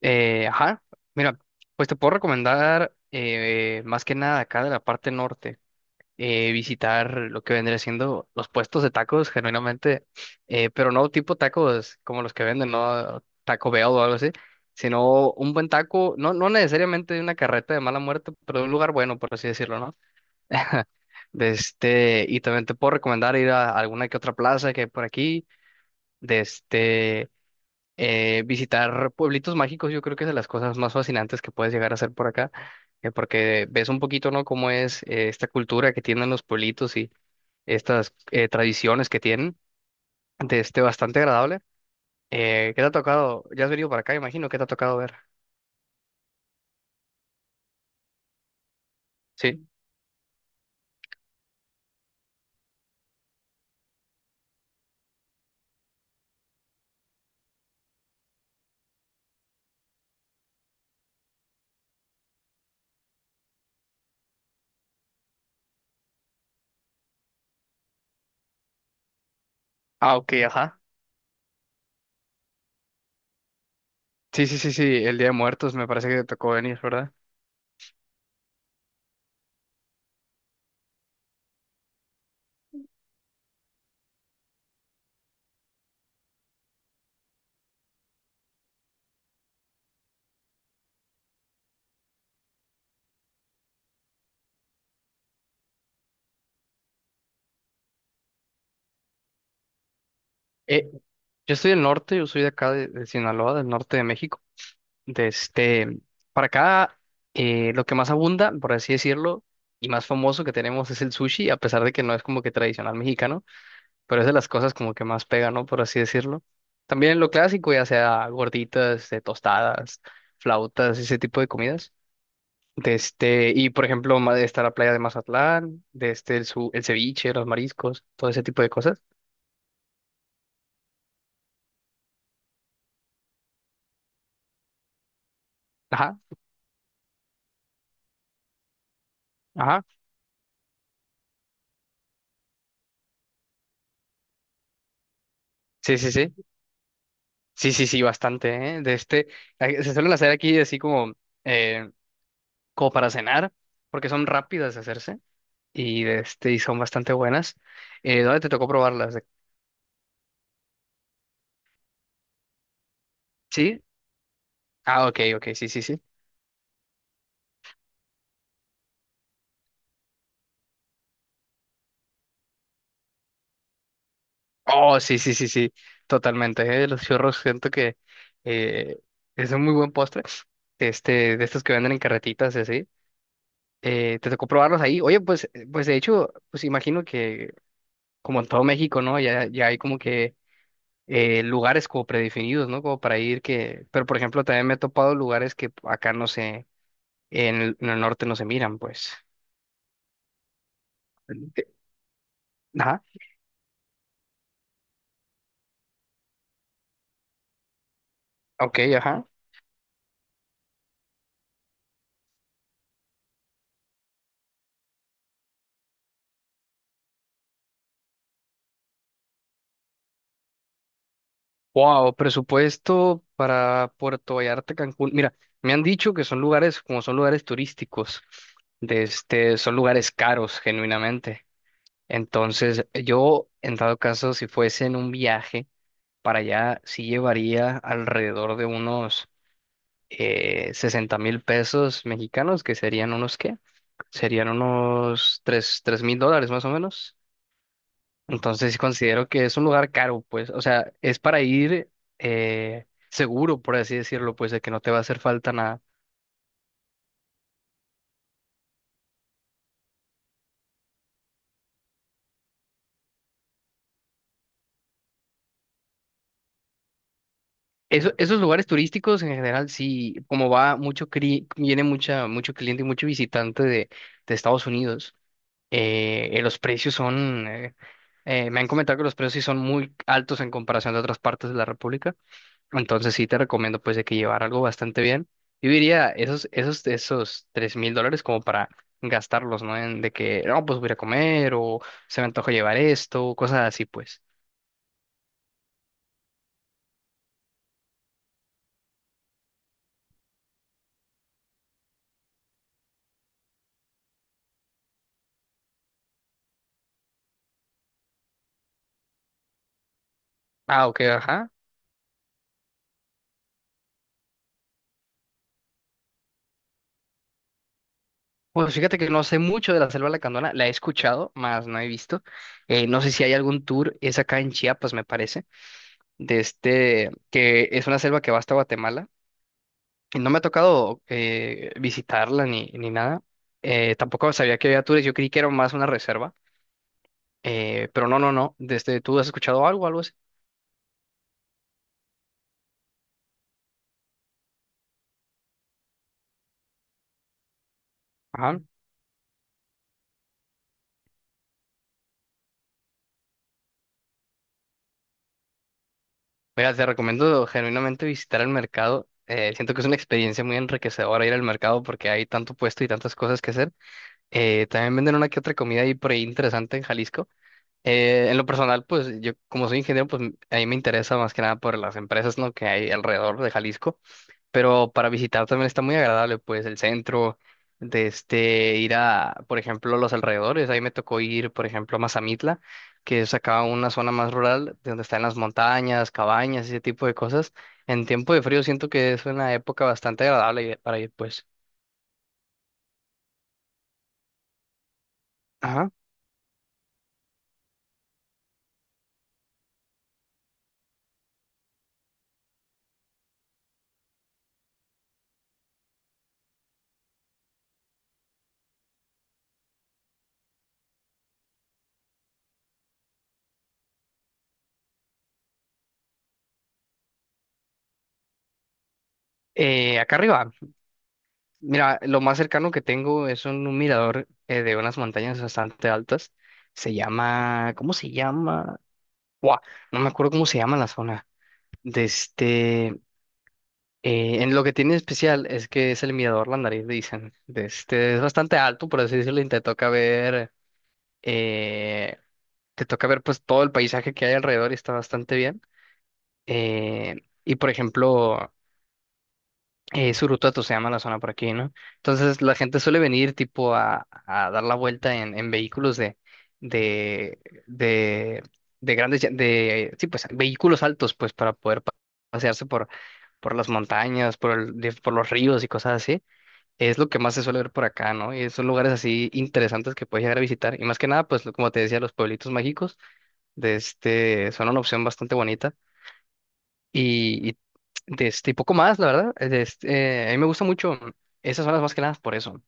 Ajá, mira, pues te puedo recomendar más que nada acá de la parte norte, visitar lo que vendría siendo los puestos de tacos, genuinamente, pero no tipo tacos como los que venden, ¿no? Taco Bell o algo así, sino un buen taco, no necesariamente de una carreta de mala muerte, pero de un lugar bueno, por así decirlo, ¿no? De este, y también te puedo recomendar ir a alguna que otra plaza que hay por aquí. De este, visitar pueblitos mágicos, yo creo que es de las cosas más fascinantes que puedes llegar a hacer por acá, porque ves un poquito, ¿no? Cómo es esta cultura que tienen los pueblitos y estas tradiciones que tienen, de este bastante agradable. ¿Qué te ha tocado? Ya has venido para acá, imagino, ¿qué te ha tocado ver? Sí. Ah, ok, ajá. Sí, sí, sí, sí, el Día de Muertos me parece que te tocó venir, ¿verdad? Eh, yo estoy del norte, yo soy de acá de Sinaloa, del norte de México. De este, para acá, lo que más abunda, por así decirlo, y más famoso que tenemos es el sushi, a pesar de que no es como que tradicional mexicano, pero es de las cosas como que más pega, ¿no? Por así decirlo. También lo clásico, ya sea gorditas, tostadas, flautas, ese tipo de comidas. De este, y por ejemplo, está la playa de Mazatlán, de este, el, el ceviche, los mariscos, todo ese tipo de cosas. Ajá, ajá. Sí, sí, sí. Sí, sí, sí, bastante, ¿eh? De este, se suelen hacer aquí así como eh, como para cenar, porque son rápidas de hacerse y, de este, y son bastante buenas. ¿Dónde te tocó probarlas? ¿Sí? Ah, ok, ok, sí, sí, sí. Oh, sí, sí, sí, sí, totalmente. Los churros siento que eh, es un muy buen postre, este, de estos que venden en carretitas y así. ¿Te tocó probarlos ahí? Oye, pues, pues de hecho, pues imagino que como en todo México, ¿no? Ya, ya hay como que lugares como predefinidos, ¿no? Como para ir que, pero por ejemplo, también me he topado lugares que acá no sé. En el norte no se miran, pues. Eh, Ajá, ok, ajá. Wow, presupuesto para Puerto Vallarta, Cancún. Mira, me han dicho que son lugares, como son lugares turísticos, de este, son lugares caros, genuinamente. Entonces, yo, en dado caso, si fuese en un viaje para allá, sí llevaría alrededor de unos 60 mil pesos mexicanos, que serían unos, ¿qué? Serían unos tres mil dólares más o menos. Entonces considero que es un lugar caro, pues, o sea, es para ir seguro, por así decirlo, pues, de que no te va a hacer falta nada. Eso- esos lugares turísticos en general, sí, como va mucho, viene mucho cliente y mucho visitante de Estados Unidos, los precios son, me han comentado que los precios sí son muy altos en comparación de otras partes de la República. Entonces sí te recomiendo pues de que llevar algo bastante bien. Yo diría esos $3,000 como para gastarlos, ¿no? En de que, no, pues voy a ir a comer o se me antoja llevar esto, cosas así pues. Ah, ok, ajá. Pues fíjate que no sé mucho de la Selva Lacandona, la he escuchado, más no he visto. No sé si hay algún tour, es acá en Chiapas, me parece, de este, que es una selva que va hasta Guatemala. Y no me ha tocado visitarla ni nada. Tampoco sabía que había tours, yo creí que era más una reserva. Pero no, no, no. Desde, ¿tú has escuchado algo, algo así? Ajá. Mira, te recomiendo genuinamente visitar el mercado. Siento que es una experiencia muy enriquecedora ir al mercado porque hay tanto puesto y tantas cosas que hacer. También venden una que otra comida ahí por ahí interesante en Jalisco. En lo personal, pues yo como soy ingeniero, pues a mí me interesa más que nada por las empresas, ¿no? que hay alrededor de Jalisco. Pero para visitar también está muy agradable, pues el centro, de este, ir a, por ejemplo, los alrededores, ahí me tocó ir, por ejemplo, a Mazamitla, que es acá una zona más rural, de donde están las montañas, cabañas, ese tipo de cosas. En tiempo de frío siento que es una época bastante agradable para ir, pues. Ajá. Acá arriba, mira, lo más cercano que tengo es un mirador de unas montañas bastante altas. Se llama, ¿cómo se llama? Buah, no me acuerdo cómo se llama la zona. De este, en lo que tiene especial es que es el mirador La Nariz, dicen. De este, es bastante alto, por así decirlo, y eh, te toca ver pues todo el paisaje que hay alrededor y está bastante bien. Eh, y por ejemplo, Surutuato se llama la zona por aquí, ¿no? Entonces la gente suele venir tipo a dar la vuelta en vehículos de, de, de grandes, de, sí, pues vehículos altos, pues para poder pasearse por las montañas, por los ríos y cosas así. Es lo que más se suele ver por acá, ¿no? Y son lugares así interesantes que puedes llegar a visitar. Y más que nada, pues como te decía, los pueblitos mágicos de este son una opción bastante bonita. Y de este y poco más, la verdad. De este, a mí me gusta mucho esas zonas más que nada por eso.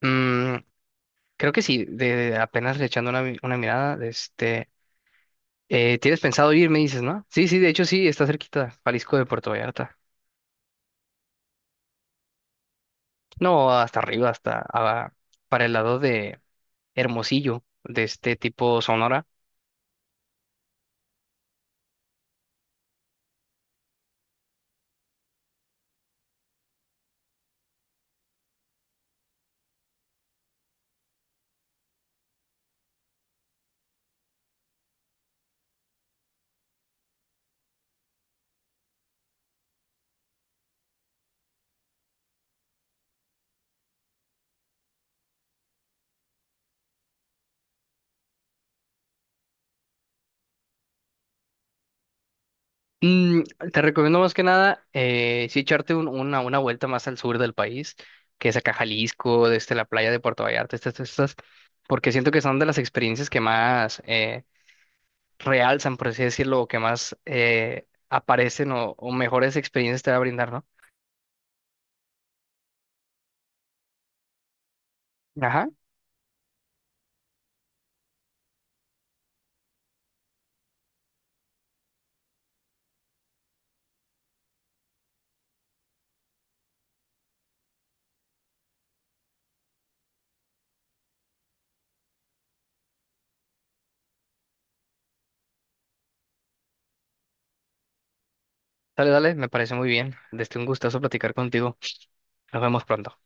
Mm, creo que sí, de apenas le echando una mirada, de este, ¿tienes pensado ir? Me dices, ¿no? Sí, sí, de hecho sí, está cerquita, Jalisco de Puerto Vallarta. No, hasta arriba, hasta para el lado de Hermosillo, de este tipo Sonora. Mm, te recomiendo más que nada, sí echarte una vuelta más al sur del país, que es acá Jalisco, desde la playa de Puerto Vallarta, estas, estas, porque siento que son de las experiencias que más realzan, por así decirlo, o que más aparecen o mejores experiencias te va a brindar, ¿no? Ajá, dale, dale, me parece muy bien. Desde un gustazo platicar contigo. Nos vemos pronto.